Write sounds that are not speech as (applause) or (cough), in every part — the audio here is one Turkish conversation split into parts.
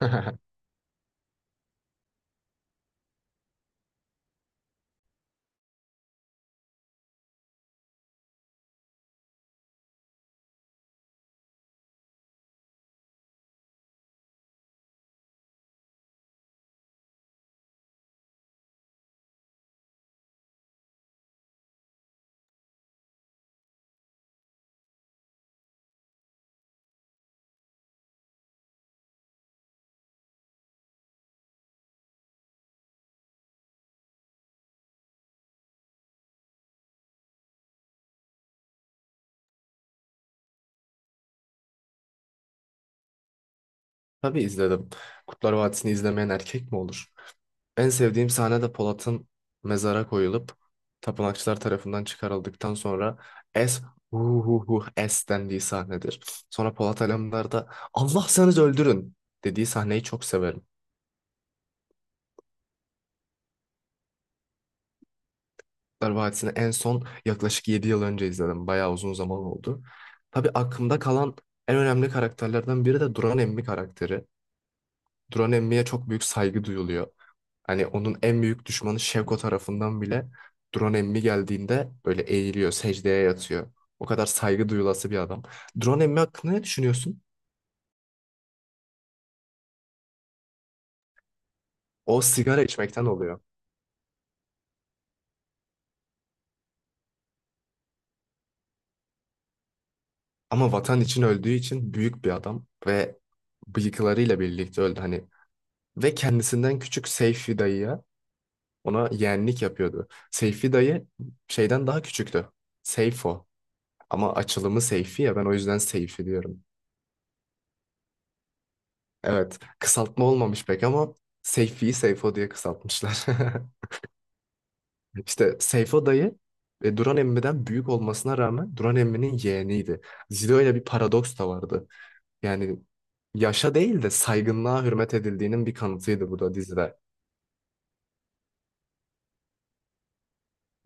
(laughs) Tabii izledim. Kurtlar Vadisi'ni izlemeyen erkek mi olur? En sevdiğim sahne de Polat'ın mezara koyulup tapınakçılar tarafından çıkarıldıktan sonra es hu hu hu es dendiği sahnedir. Sonra Polat Alemdar da Allah sanız öldürün dediği sahneyi çok severim. Kurtlar Vadisi'ni en son yaklaşık 7 yıl önce izledim. Bayağı uzun zaman oldu. Tabii aklımda kalan en önemli karakterlerden biri de Duran Emmi karakteri. Duran Emmi'ye çok büyük saygı duyuluyor. Hani onun en büyük düşmanı Şevko tarafından bile Duran Emmi geldiğinde böyle eğiliyor, secdeye yatıyor. O kadar saygı duyulası bir adam. Duran Emmi hakkında ne düşünüyorsun? O sigara içmekten oluyor. Ama vatan için öldüğü için büyük bir adam ve bıyıklarıyla birlikte öldü hani. Ve kendisinden küçük Seyfi dayıya ona yeğenlik yapıyordu. Seyfi dayı şeyden daha küçüktü. Seyfo. Ama açılımı Seyfi ya, ben o yüzden Seyfi diyorum. Evet, kısaltma olmamış pek ama Seyfi'yi Seyfo diye kısaltmışlar. (laughs) İşte Seyfo dayı Duran Emmi'den büyük olmasına rağmen Duran Emmi'nin yeğeniydi. Dizide öyle bir paradoks da vardı. Yani yaşa değil de saygınlığa hürmet edildiğinin bir kanıtıydı bu da dizide.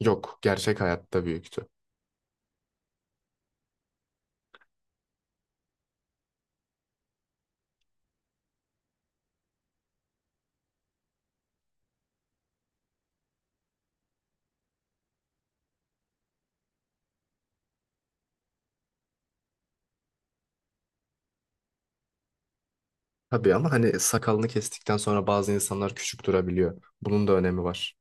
Yok, gerçek hayatta büyüktü. Tabii ama hani sakalını kestikten sonra bazı insanlar küçük durabiliyor. Bunun da önemi var.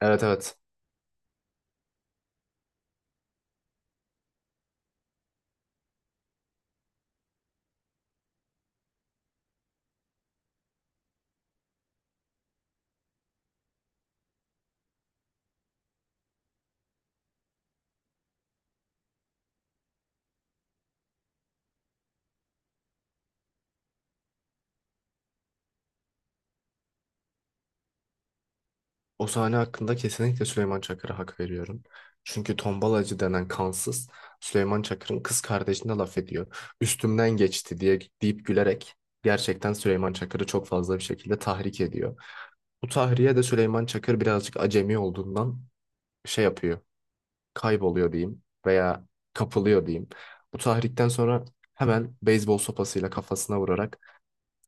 Evet, evet. O sahne hakkında kesinlikle Süleyman Çakır'a hak veriyorum. Çünkü tombalacı denen kansız Süleyman Çakır'ın kız kardeşine laf ediyor. Üstümden geçti diye deyip gülerek gerçekten Süleyman Çakır'ı çok fazla bir şekilde tahrik ediyor. Bu tahriye de Süleyman Çakır birazcık acemi olduğundan şey yapıyor. Kayboluyor diyeyim veya kapılıyor diyeyim. Bu tahrikten sonra hemen beyzbol sopasıyla kafasına vurarak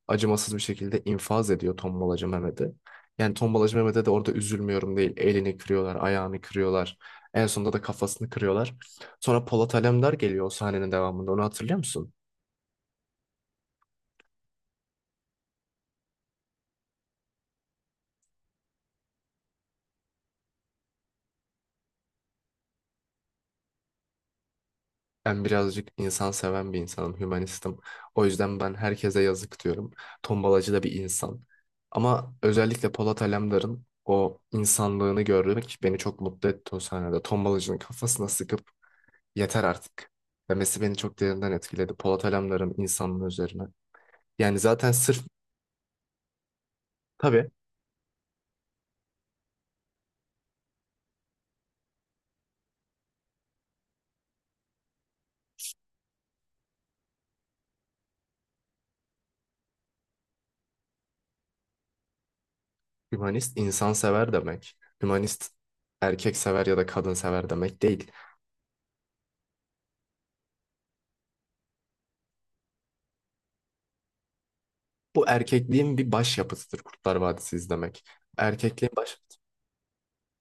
acımasız bir şekilde infaz ediyor tombalacı Mehmet'i. Yani tombalacı Mehmet'e de orada üzülmüyorum değil. Elini kırıyorlar, ayağını kırıyorlar. En sonunda da kafasını kırıyorlar. Sonra Polat Alemdar geliyor o sahnenin devamında. Onu hatırlıyor musun? Ben birazcık insan seven bir insanım, hümanistim. O yüzden ben herkese yazık diyorum. Tombalacı da bir insan. Ama özellikle Polat Alemdar'ın o insanlığını görmek beni çok mutlu etti o sahnede. Tombalacının kafasına sıkıp yeter artık demesi beni çok derinden etkiledi. Polat Alemdar'ın insanlığı üzerine. Yani zaten sırf, tabii, hümanist insansever demek. Hümanist erkek sever ya da kadın sever demek değil. Bu erkekliğin bir başyapıtıdır Kurtlar Vadisi izlemek. Erkekliğin başyapıtı.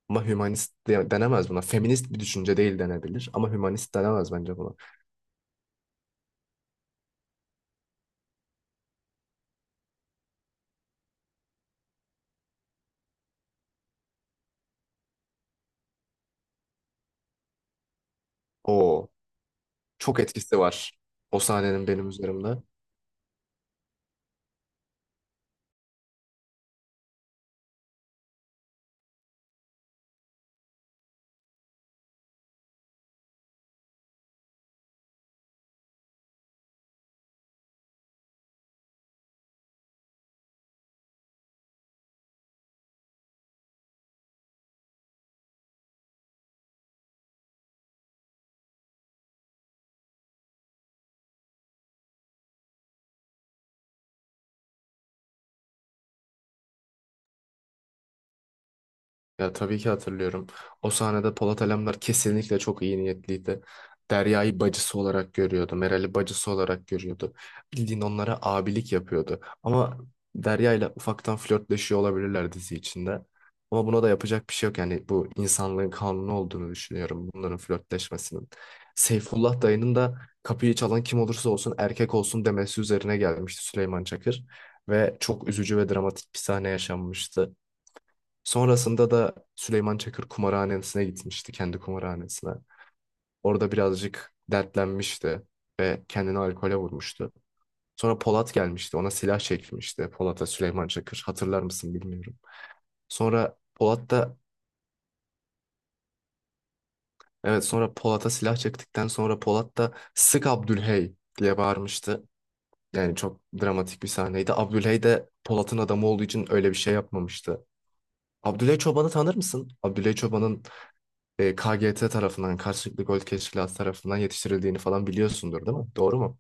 Ama hümanist denemez buna. Feminist bir düşünce değil denebilir ama hümanist denemez bence buna. O, çok etkisi var o sahnenin benim üzerimde. Ya tabii ki hatırlıyorum. O sahnede Polat Alemdar kesinlikle çok iyi niyetliydi. Derya'yı bacısı olarak görüyordu. Meral'i bacısı olarak görüyordu. Bildiğin onlara abilik yapıyordu. Ama Derya ile ufaktan flörtleşiyor olabilirler dizi içinde. Ama buna da yapacak bir şey yok. Yani bu insanlığın kanunu olduğunu düşünüyorum bunların flörtleşmesinin. Seyfullah dayının da kapıyı çalan kim olursa olsun erkek olsun demesi üzerine gelmişti Süleyman Çakır. Ve çok üzücü ve dramatik bir sahne yaşanmıştı. Sonrasında da Süleyman Çakır kumarhanesine gitmişti, kendi kumarhanesine. Orada birazcık dertlenmişti ve kendini alkole vurmuştu. Sonra Polat gelmişti, ona silah çekmişti. Polat'a Süleyman Çakır, hatırlar mısın bilmiyorum. Sonra Polat da, evet, sonra Polat'a silah çektikten sonra Polat da sık Abdülhey diye bağırmıştı. Yani çok dramatik bir sahneydi. Abdülhey de Polat'ın adamı olduğu için öyle bir şey yapmamıştı. Abdülhey Çoban'ı tanır mısın? Abdülhey Çoban'ın KGT tarafından, karşılıklı gol teşkilatı tarafından yetiştirildiğini falan biliyorsundur değil mi? Doğru mu?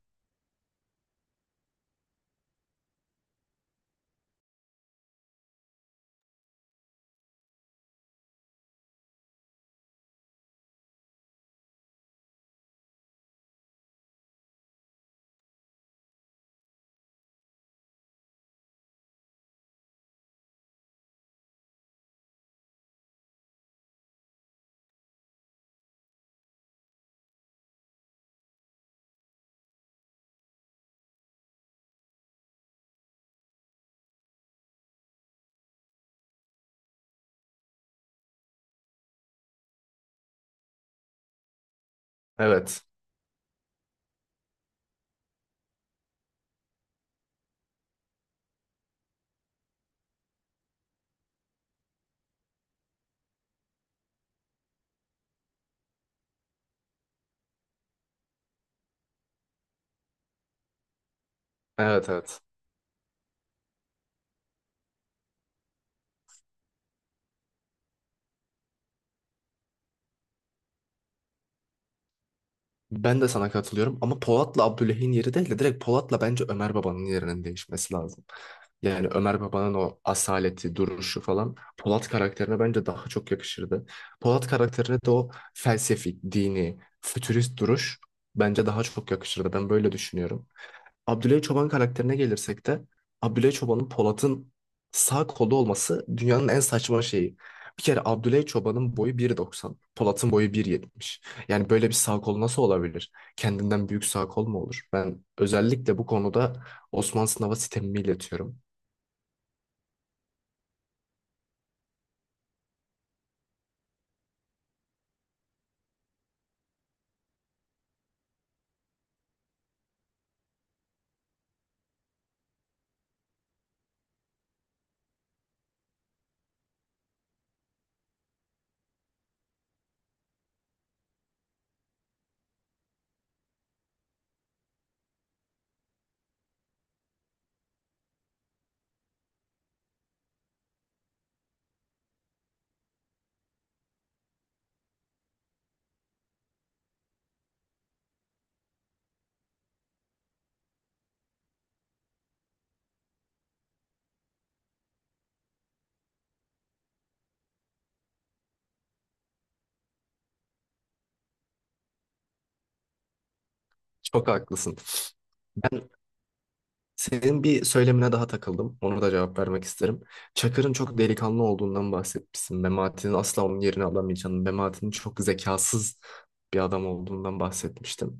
Evet. Evet, evet. Ben de sana katılıyorum ama Polat'la Abdüley'in yeri değil de direkt Polat'la bence Ömer Baba'nın yerinin değişmesi lazım. Yani Ömer Baba'nın o asaleti, duruşu falan Polat karakterine bence daha çok yakışırdı. Polat karakterine de o felsefik, dini, fütürist duruş bence daha çok yakışırdı. Ben böyle düşünüyorum. Abdülay Çoban karakterine gelirsek de Abdülay Çoban'ın Polat'ın sağ kolu olması dünyanın en saçma şeyi. Bir kere Abdülay Çoban'ın boyu 1.90, Polat'ın boyu 1.70. Yani böyle bir sağ kol nasıl olabilir? Kendinden büyük sağ kol mu olur? Ben özellikle bu konuda Osman Sınav'a sitemimi iletiyorum. Çok haklısın. Senin bir söylemine daha takıldım. Onu da cevap vermek isterim. Çakır'ın çok delikanlı olduğundan bahsetmişsin. Memati'nin asla onun yerini alamayacağını, Memati'nin çok zekasız bir adam olduğundan bahsetmiştim.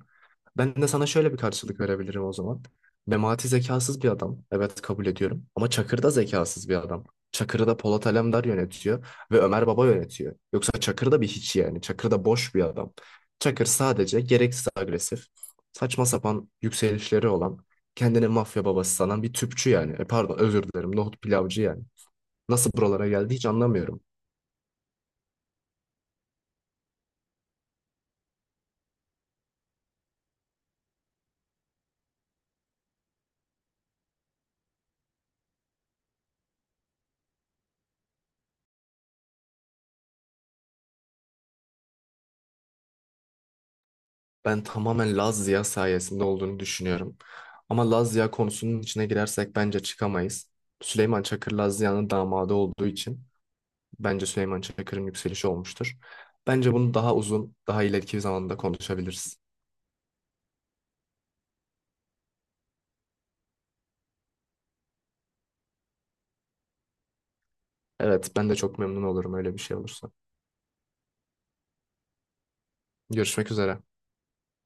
Ben de sana şöyle bir karşılık verebilirim o zaman. Memati zekasız bir adam. Evet, kabul ediyorum. Ama Çakır da zekasız bir adam. Çakır'ı da Polat Alemdar yönetiyor ve Ömer Baba yönetiyor. Yoksa Çakır da bir hiç yani. Çakır da boş bir adam. Çakır sadece gereksiz agresif, saçma sapan yükselişleri olan kendine mafya babası sanan bir tüpçü yani. Pardon, özür dilerim, nohut pilavcı yani. Nasıl buralara geldi hiç anlamıyorum. Ben tamamen Laz Ziya sayesinde olduğunu düşünüyorum. Ama Laz Ziya konusunun içine girersek bence çıkamayız. Süleyman Çakır Laz Ziya'nın damadı olduğu için bence Süleyman Çakır'ın yükselişi olmuştur. Bence bunu daha uzun, daha ileriki bir zamanda konuşabiliriz. Evet, ben de çok memnun olurum öyle bir şey olursa. Görüşmek üzere.